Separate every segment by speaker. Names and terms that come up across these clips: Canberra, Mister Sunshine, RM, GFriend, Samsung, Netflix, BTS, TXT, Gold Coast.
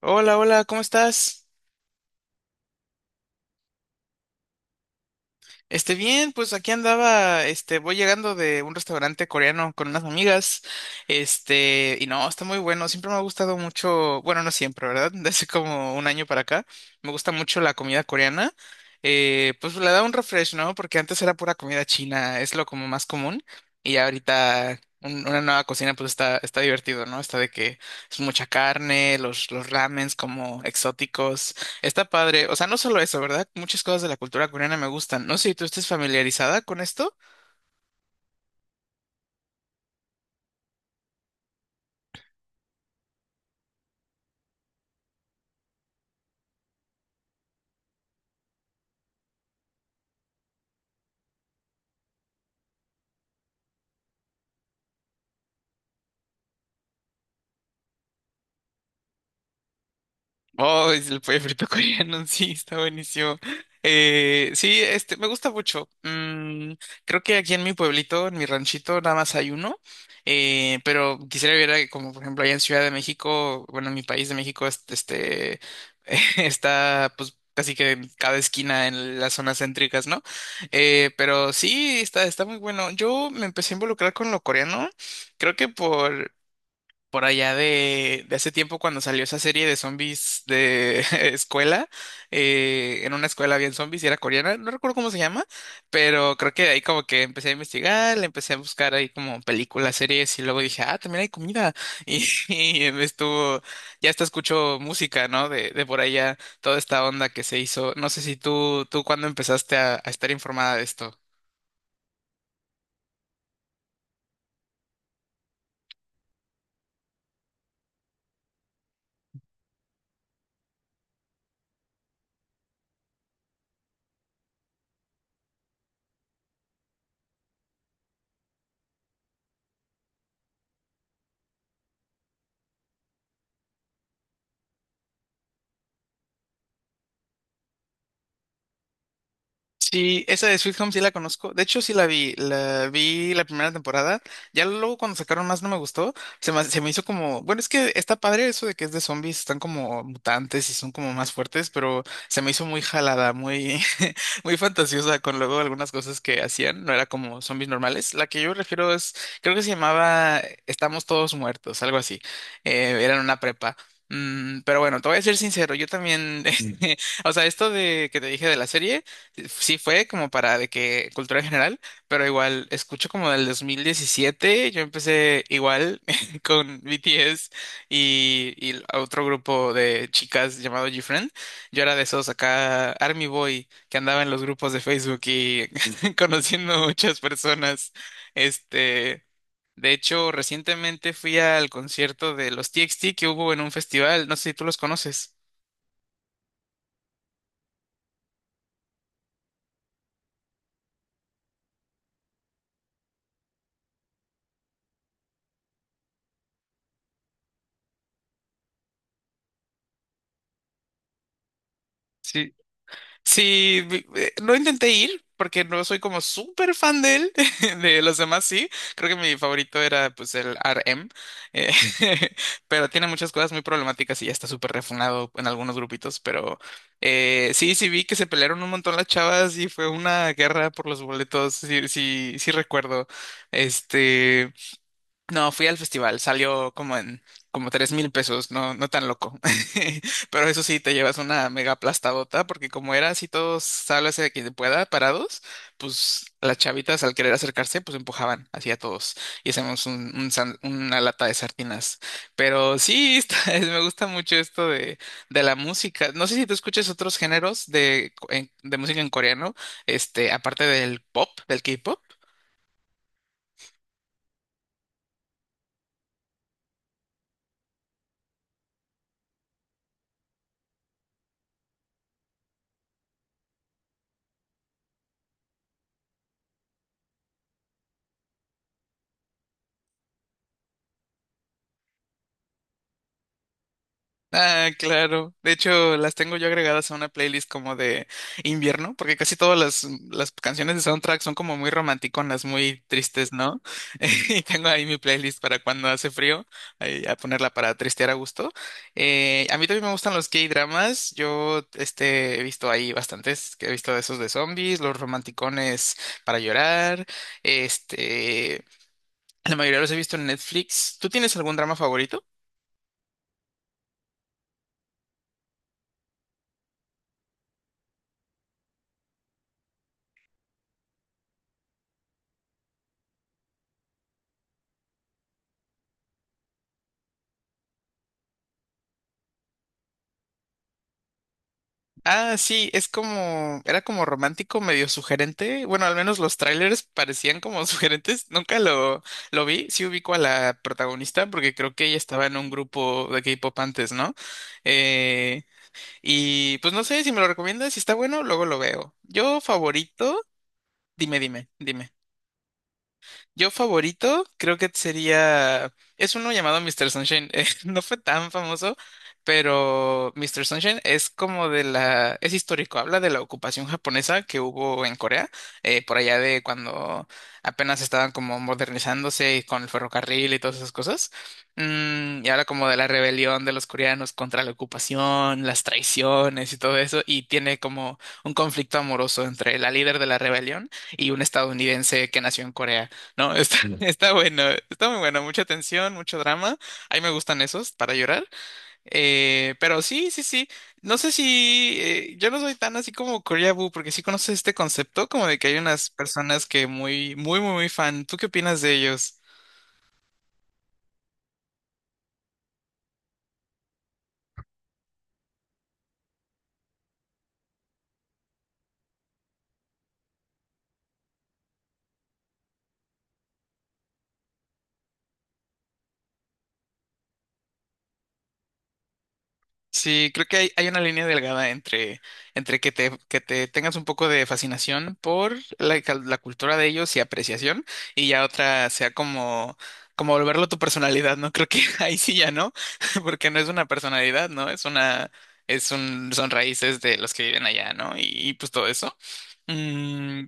Speaker 1: Hola, hola, ¿cómo estás? Bien, pues aquí andaba, voy llegando de un restaurante coreano con unas amigas, y no, está muy bueno, siempre me ha gustado mucho, bueno, no siempre, ¿verdad? Desde como un año para acá, me gusta mucho la comida coreana. Pues le da un refresh, ¿no? Porque antes era pura comida china, es lo como más común, y ya ahorita una nueva cocina pues está divertido, ¿no? Está de que es mucha carne, los ramens como exóticos. Está padre. O sea, no solo eso, ¿verdad? Muchas cosas de la cultura coreana me gustan. No sé si tú estés familiarizada con esto. Oh, es el pollo frito coreano, sí, está buenísimo. Sí, me gusta mucho. Mm, creo que aquí en mi pueblito, en mi ranchito, nada más hay uno. Pero quisiera ver, como por ejemplo, allá en Ciudad de México, bueno, en mi país de México, está, pues, casi que en cada esquina en las zonas céntricas, ¿no? Pero sí, está muy bueno. Yo me empecé a involucrar con lo coreano, creo que por allá de hace tiempo cuando salió esa serie de zombies de escuela, en una escuela había zombies y era coreana, no recuerdo cómo se llama, pero creo que de ahí como que empecé a investigar, le empecé a buscar ahí como películas, series y luego dije, ah, también hay comida y, y me estuvo, ya hasta escucho música, ¿no? De por allá, toda esta onda que se hizo, no sé si tú cuándo empezaste a estar informada de esto. Sí, esa de Sweet Home sí la conozco. De hecho, sí la vi. La vi la primera temporada. Ya luego cuando sacaron más no me gustó. Se me hizo como, bueno, es que está padre eso de que es de zombies, están como mutantes y son como más fuertes, pero se me hizo muy jalada, muy fantasiosa con luego algunas cosas que hacían. No era como zombies normales. La que yo refiero es, creo que se llamaba Estamos todos muertos, algo así. Era en una prepa. Mm, pero bueno, te voy a ser sincero, yo también, o sea, esto de que te dije de la serie. Sí, fue como para de que cultura general, pero igual escucho como del 2017, yo empecé igual con BTS y otro grupo de chicas llamado GFriend. Yo era de esos acá Army Boy que andaba en los grupos de Facebook y conociendo muchas personas. Este, de hecho, recientemente fui al concierto de los TXT que hubo en un festival, no sé si tú los conoces. Sí, no intenté ir porque no soy como súper fan de él, de los demás sí, creo que mi favorito era pues el RM, eh, pero tiene muchas cosas muy problemáticas y ya está súper refunado en algunos grupitos, pero sí, sí vi que se pelearon un montón las chavas y fue una guerra por los boletos, sí recuerdo, este... No, fui al festival, salió como 3000 pesos, no tan loco. Pero eso sí, te llevas una mega aplastadota, porque como era así todos, sálvese de quien pueda, parados, pues las chavitas al querer acercarse, pues empujaban hacia todos y hacemos un, una lata de sardinas. Pero sí, me gusta mucho esto de la música. No sé si tú escuchas otros géneros de música en coreano, aparte del pop, del K-pop. Ah, claro. De hecho, las tengo yo agregadas a una playlist como de invierno, porque casi todas las canciones de soundtrack son como muy romanticonas, muy tristes, ¿no? Y tengo ahí mi playlist para cuando hace frío, ahí a ponerla para tristear a gusto. A mí también me gustan los K-dramas. Yo he visto ahí bastantes, que he visto esos de zombies, los romanticones para llorar. Este, la mayoría los he visto en Netflix. ¿Tú tienes algún drama favorito? Ah, sí, es como, era como romántico, medio sugerente. Bueno, al menos los trailers parecían como sugerentes. Nunca lo, lo vi. Sí ubico a la protagonista porque creo que ella estaba en un grupo de K-pop antes, ¿no? Eh, y pues no sé si me lo recomiendas, si está bueno, luego lo veo. Yo favorito, dime, dime, dime. Yo favorito creo que sería, es uno llamado Mister Sunshine. No fue tan famoso, pero Mister Sunshine es como de la, es histórico, habla de la ocupación japonesa que hubo en Corea, por allá de cuando apenas estaban como modernizándose y con el ferrocarril y todas esas cosas. Mm, y habla como de la rebelión de los coreanos contra la ocupación, las traiciones y todo eso, y tiene como un conflicto amoroso entre la líder de la rebelión y un estadounidense que nació en Corea. No, está, está bueno, está muy bueno, mucha tensión, mucho drama. A mí me gustan esos para llorar. Pero sí, sí, sí. No sé si yo no soy tan así como Korea Boo, porque sí conoces este concepto, como de que hay unas personas que muy, muy, muy, muy fan. ¿Tú qué opinas de ellos? Sí, creo que hay una línea delgada entre, entre que te tengas un poco de fascinación por la cultura de ellos y apreciación, y ya otra sea como, como volverlo tu personalidad, ¿no? Creo que ahí sí ya no, porque no es una personalidad, ¿no? Es un, son raíces de los que viven allá, ¿no? Y pues todo eso. Mm,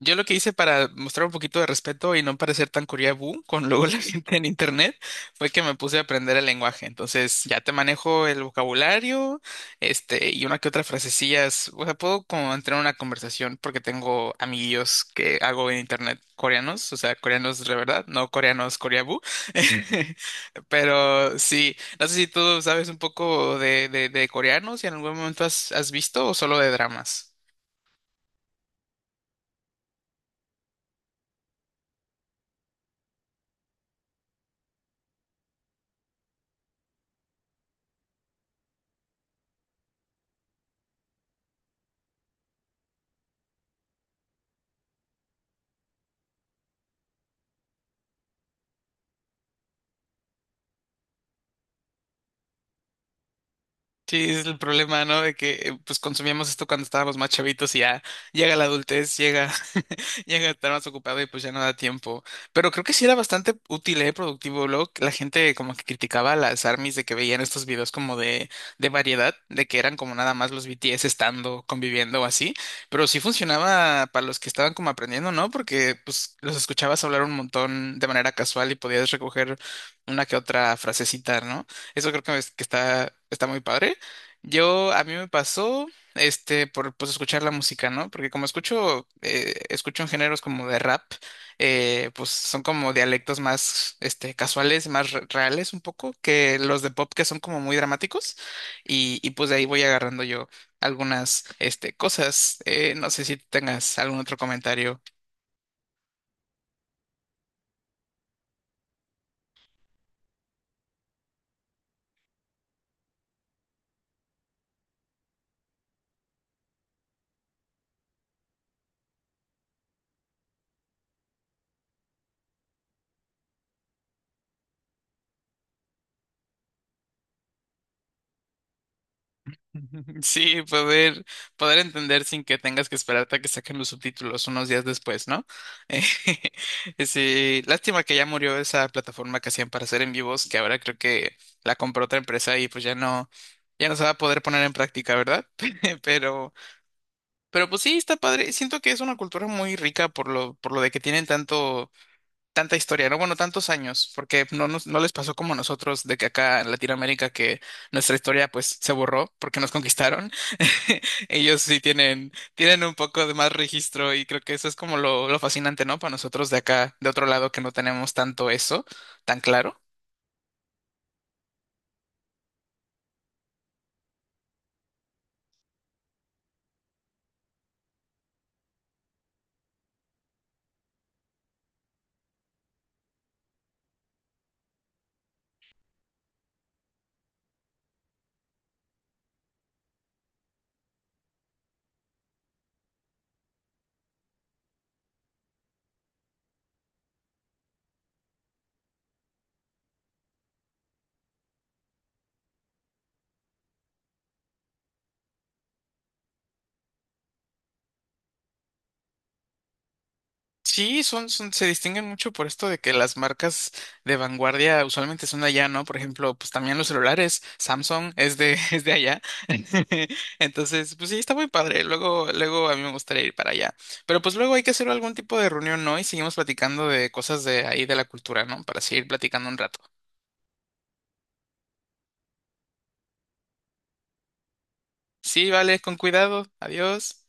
Speaker 1: yo lo que hice para mostrar un poquito de respeto y no parecer tan curiabú con luego la gente en internet fue que me puse a aprender el lenguaje. Entonces ya te manejo el vocabulario, y una que otra frasecillas. O sea, puedo como entrar en una conversación porque tengo amiguillos que hago en internet coreanos, o sea, coreanos de verdad, no coreanos coreabú. Pero sí, no sé si tú sabes un poco de coreanos y en algún momento has visto o solo de dramas. Sí, es el problema, ¿no? De que pues consumíamos esto cuando estábamos más chavitos y ya llega la adultez, llega, llega a estar más ocupado y pues ya no da tiempo. Pero creo que sí era bastante útil, ¿eh? Productivo. Luego la gente como que criticaba a las ARMYs de que veían estos videos como de variedad, de que eran como nada más los BTS estando, conviviendo o así. Pero sí funcionaba para los que estaban como aprendiendo, ¿no? Porque pues los escuchabas hablar un montón de manera casual y podías recoger una que otra frasecita, ¿no? Eso creo que, que está, está muy padre. Yo, a mí me pasó, por pues escuchar la música, ¿no? Porque como escucho, escucho en géneros como de rap, pues son como dialectos más, casuales, más reales un poco, que los de pop que son como muy dramáticos, y pues de ahí voy agarrando yo algunas, cosas. No sé si tengas algún otro comentario. Sí, poder, poder entender sin que tengas que esperarte a que saquen los subtítulos unos días después, ¿no? Eh, sí, lástima que ya murió esa plataforma que hacían para hacer en vivos, que ahora creo que la compró otra empresa y pues ya no, ya no se va a poder poner en práctica, ¿verdad? Pero, pero pues sí, está padre. Siento que es una cultura muy rica por lo de que tienen tanto tanta historia, ¿no? Bueno, tantos años, porque no les pasó como a nosotros de que acá en Latinoamérica que nuestra historia pues se borró porque nos conquistaron. Ellos sí tienen, tienen un poco de más registro y creo que eso es como lo fascinante, ¿no? Para nosotros de acá, de otro lado, que no tenemos tanto eso tan claro. Sí, se distinguen mucho por esto de que las marcas de vanguardia usualmente son de allá, ¿no? Por ejemplo, pues también los celulares, Samsung es de, es de allá. Entonces, pues sí, está muy padre. Luego, luego a mí me gustaría ir para allá. Pero pues luego hay que hacer algún tipo de reunión, ¿no? Y seguimos platicando de cosas de ahí de la cultura, ¿no? Para seguir platicando un rato. Sí, vale, con cuidado. Adiós.